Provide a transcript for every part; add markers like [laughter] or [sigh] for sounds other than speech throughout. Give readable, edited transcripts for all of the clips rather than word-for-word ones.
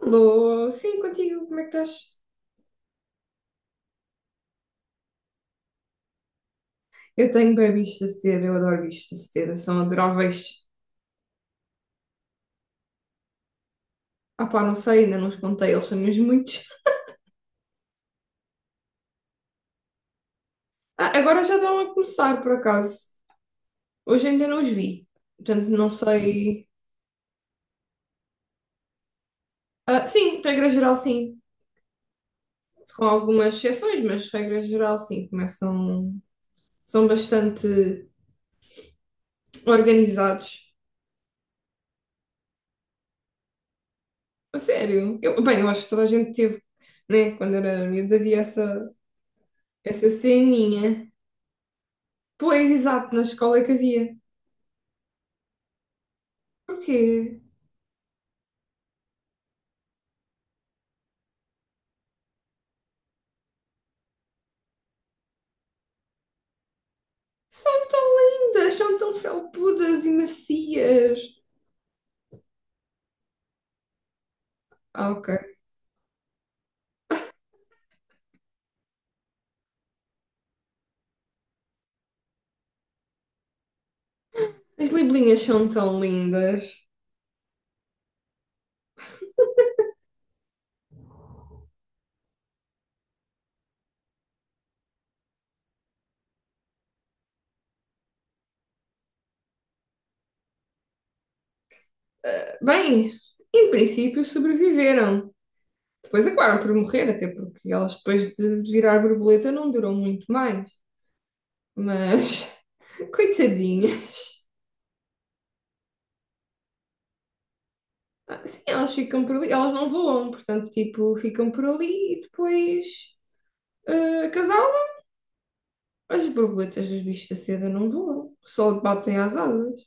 Alô, sim, contigo, como é que estás? Eu tenho bem bichos de seda, eu adoro bichos de seda, são adoráveis. Ah pá, não sei, ainda não os contei, eles são mesmo muitos. Ah, agora já estão a começar, por acaso. Hoje ainda não os vi, portanto não sei. Sim, regra geral sim, com algumas exceções, mas regra geral sim, começam. São bastante organizados. A sério, eu, bem, eu acho que toda a gente teve, né? Quando era miúdo havia essa, essa ceninha. Pois, exato, na escola é que havia. Porquê? São tão lindas, são tão felpudas e macias. Ah, ok. As libelinhas são tão lindas. Bem, em princípio sobreviveram. Depois acabaram por morrer, até porque elas depois de virar borboleta não duram muito mais. Mas, [laughs] coitadinha. Sim, elas ficam por ali, elas não voam, portanto, tipo, ficam por ali e depois casal. As borboletas dos bichos da seda não voam, só batem às asas.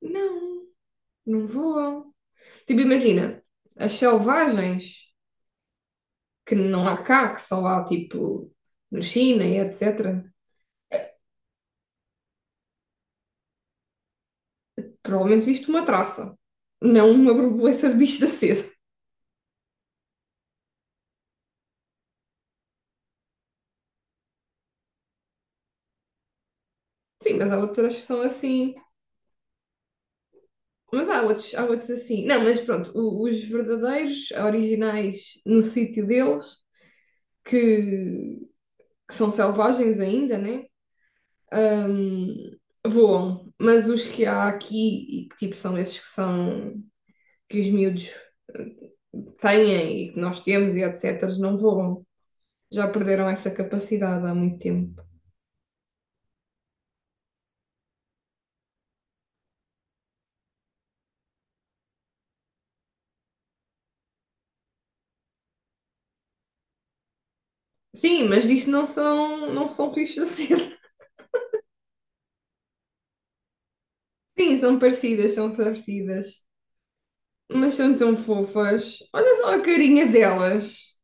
Não, não voam. Tipo, imagina, as selvagens que não há cá, que só há tipo na China e etc. Provavelmente viste uma traça, não uma borboleta de bicho da sede. Sim, mas há outras que são assim. Mas há outros assim. Não, mas pronto, os verdadeiros, originais no sítio deles, que, que são selvagens ainda, né? Hum, Voam, mas os que há aqui e que tipo são esses que são que os miúdos têm e que nós temos e etc., não voam. Já perderam essa capacidade há muito tempo. Sim, mas isto não são, não são fichas assim. [laughs] Sim, são parecidas, são parecidas. Mas são tão fofas. Olha só a carinha delas.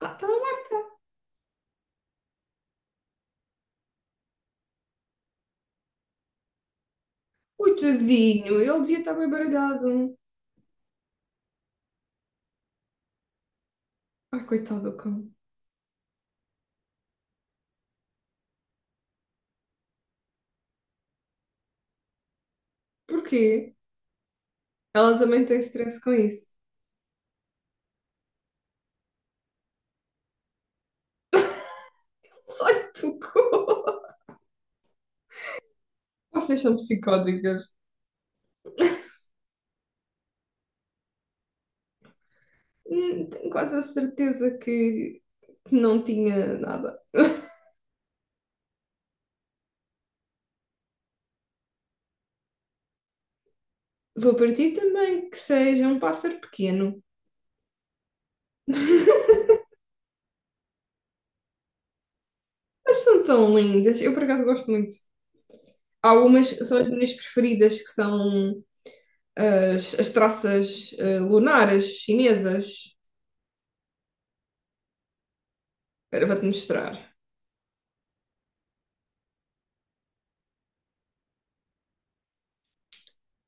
Ah, está a Marta. Coitadinho, ele devia estar bem baralhado. Ai, coitado do cão. Porquê? Ela também tem stress com isso. [laughs] Só lhe tocou. Vocês são psicóticas. Tenho quase a certeza que não tinha nada. [laughs] Vou partir também que seja um pássaro pequeno. [laughs] Mas são tão lindas. Eu, por acaso, gosto muito. Algumas são as minhas preferidas, que são as traças lunares chinesas. Espera, vou-te mostrar.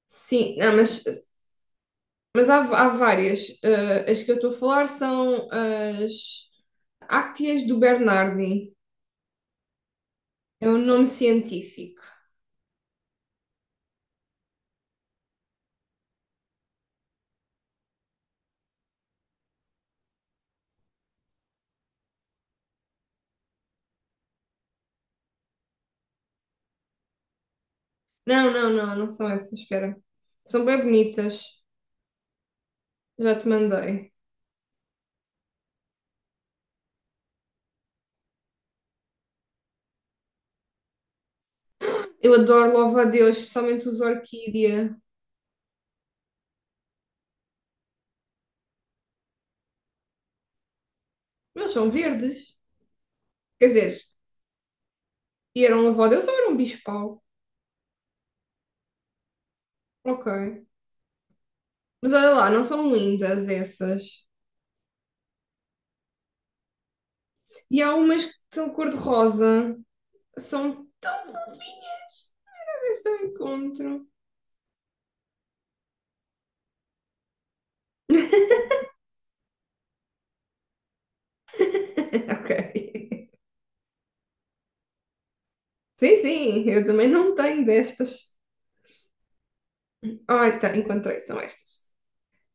Sim, ah, mas há várias. Eh, as que eu estou a falar são as Ácteas do Bernardi. É o nome científico. Não são essas, espera. São bem bonitas. Já te mandei. Eu adoro louva-a-Deus, especialmente os orquídea. Mas são verdes. Quer dizer, e eram louva-a-Deus ou eram bicho-pau? Ok. Mas olha lá, não são lindas essas. E há umas que são cor-de-rosa. São tão fofinhas. Ver se eu encontro. [laughs] Ok. Sim, sim, eu também não tenho destas. Ai, tá, encontrei, são estas.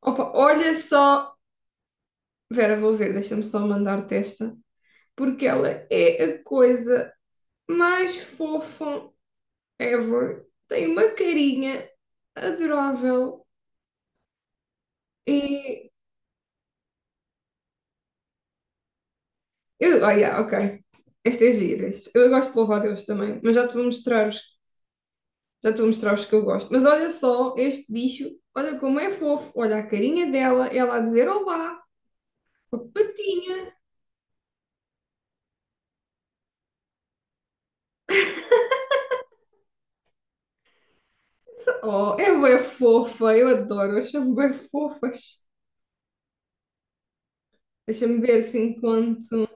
Opa, olha só. Vera, vou ver, deixa-me só mandar-te esta. Porque ela é a coisa mais fofa ever. Tem uma carinha adorável. E. Eu, oh, yeah, ok. Esta é gira. Eu gosto de louvar a Deus também, mas já te vou mostrar os, já te vou mostrar os que eu gosto. Mas olha só este bicho, olha como é fofo, olha a carinha dela, ela a dizer olá, com a patinha. Oh, é bué fofa, eu adoro, acho-me bem fofas. Deixa-me ver assim quanto.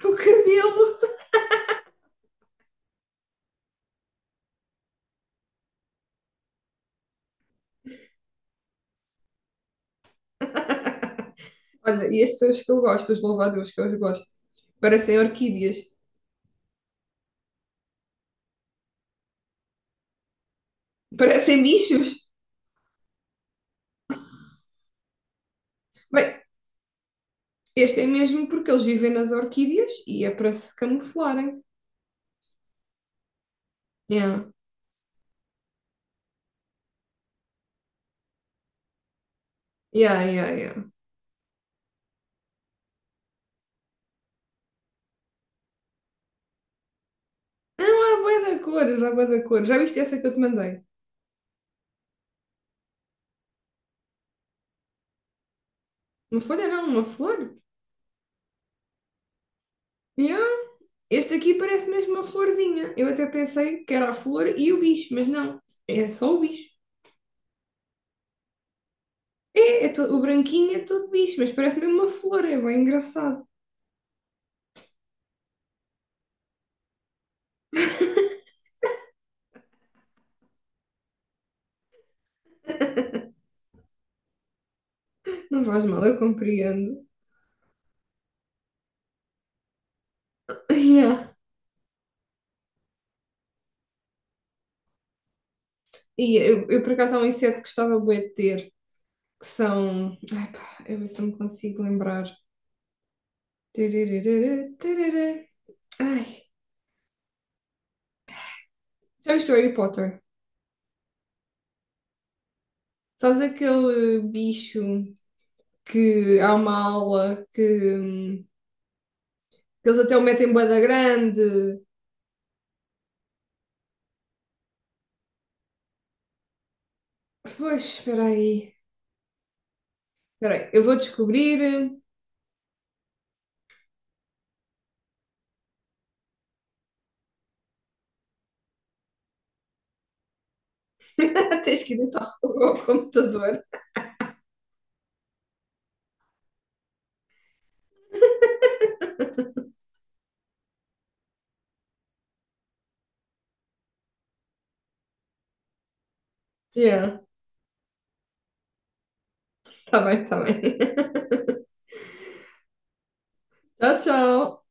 Com o cabelo. Olha, e estes são os que eu gosto, os louvadeus que eu gosto. Parecem orquídeas. Parecem bichos. Bem, este é mesmo porque eles vivem nas orquídeas e é para se camuflarem. Yeah, yeah, yeah, yeah. Não, há bué da cores, há bué da cor. Já viste essa que eu te mandei? Uma folha não, uma flor? Yeah. Este aqui parece mesmo uma florzinha. Eu até pensei que era a flor e o bicho, mas não. É só o bicho. É, o branquinho é todo bicho, mas parece mesmo uma flor, é bem engraçado. Não faz mal, eu compreendo. [laughs] Yeah. E eu, por acaso, há um inseto que gostava bué de ter, que são. Ai, pá, eu ver se eu me consigo lembrar. Tararara, tarará. Ai, já viste o Harry Potter? Sabes aquele bicho que há uma aula hum, que eles até o metem bué da grande? Pois, espera aí. Espera aí, eu vou descobrir. [laughs] Tens que ir ao [laughs] computador. [laughs] Ja, tá bem, tá bem. Tchau, tchau.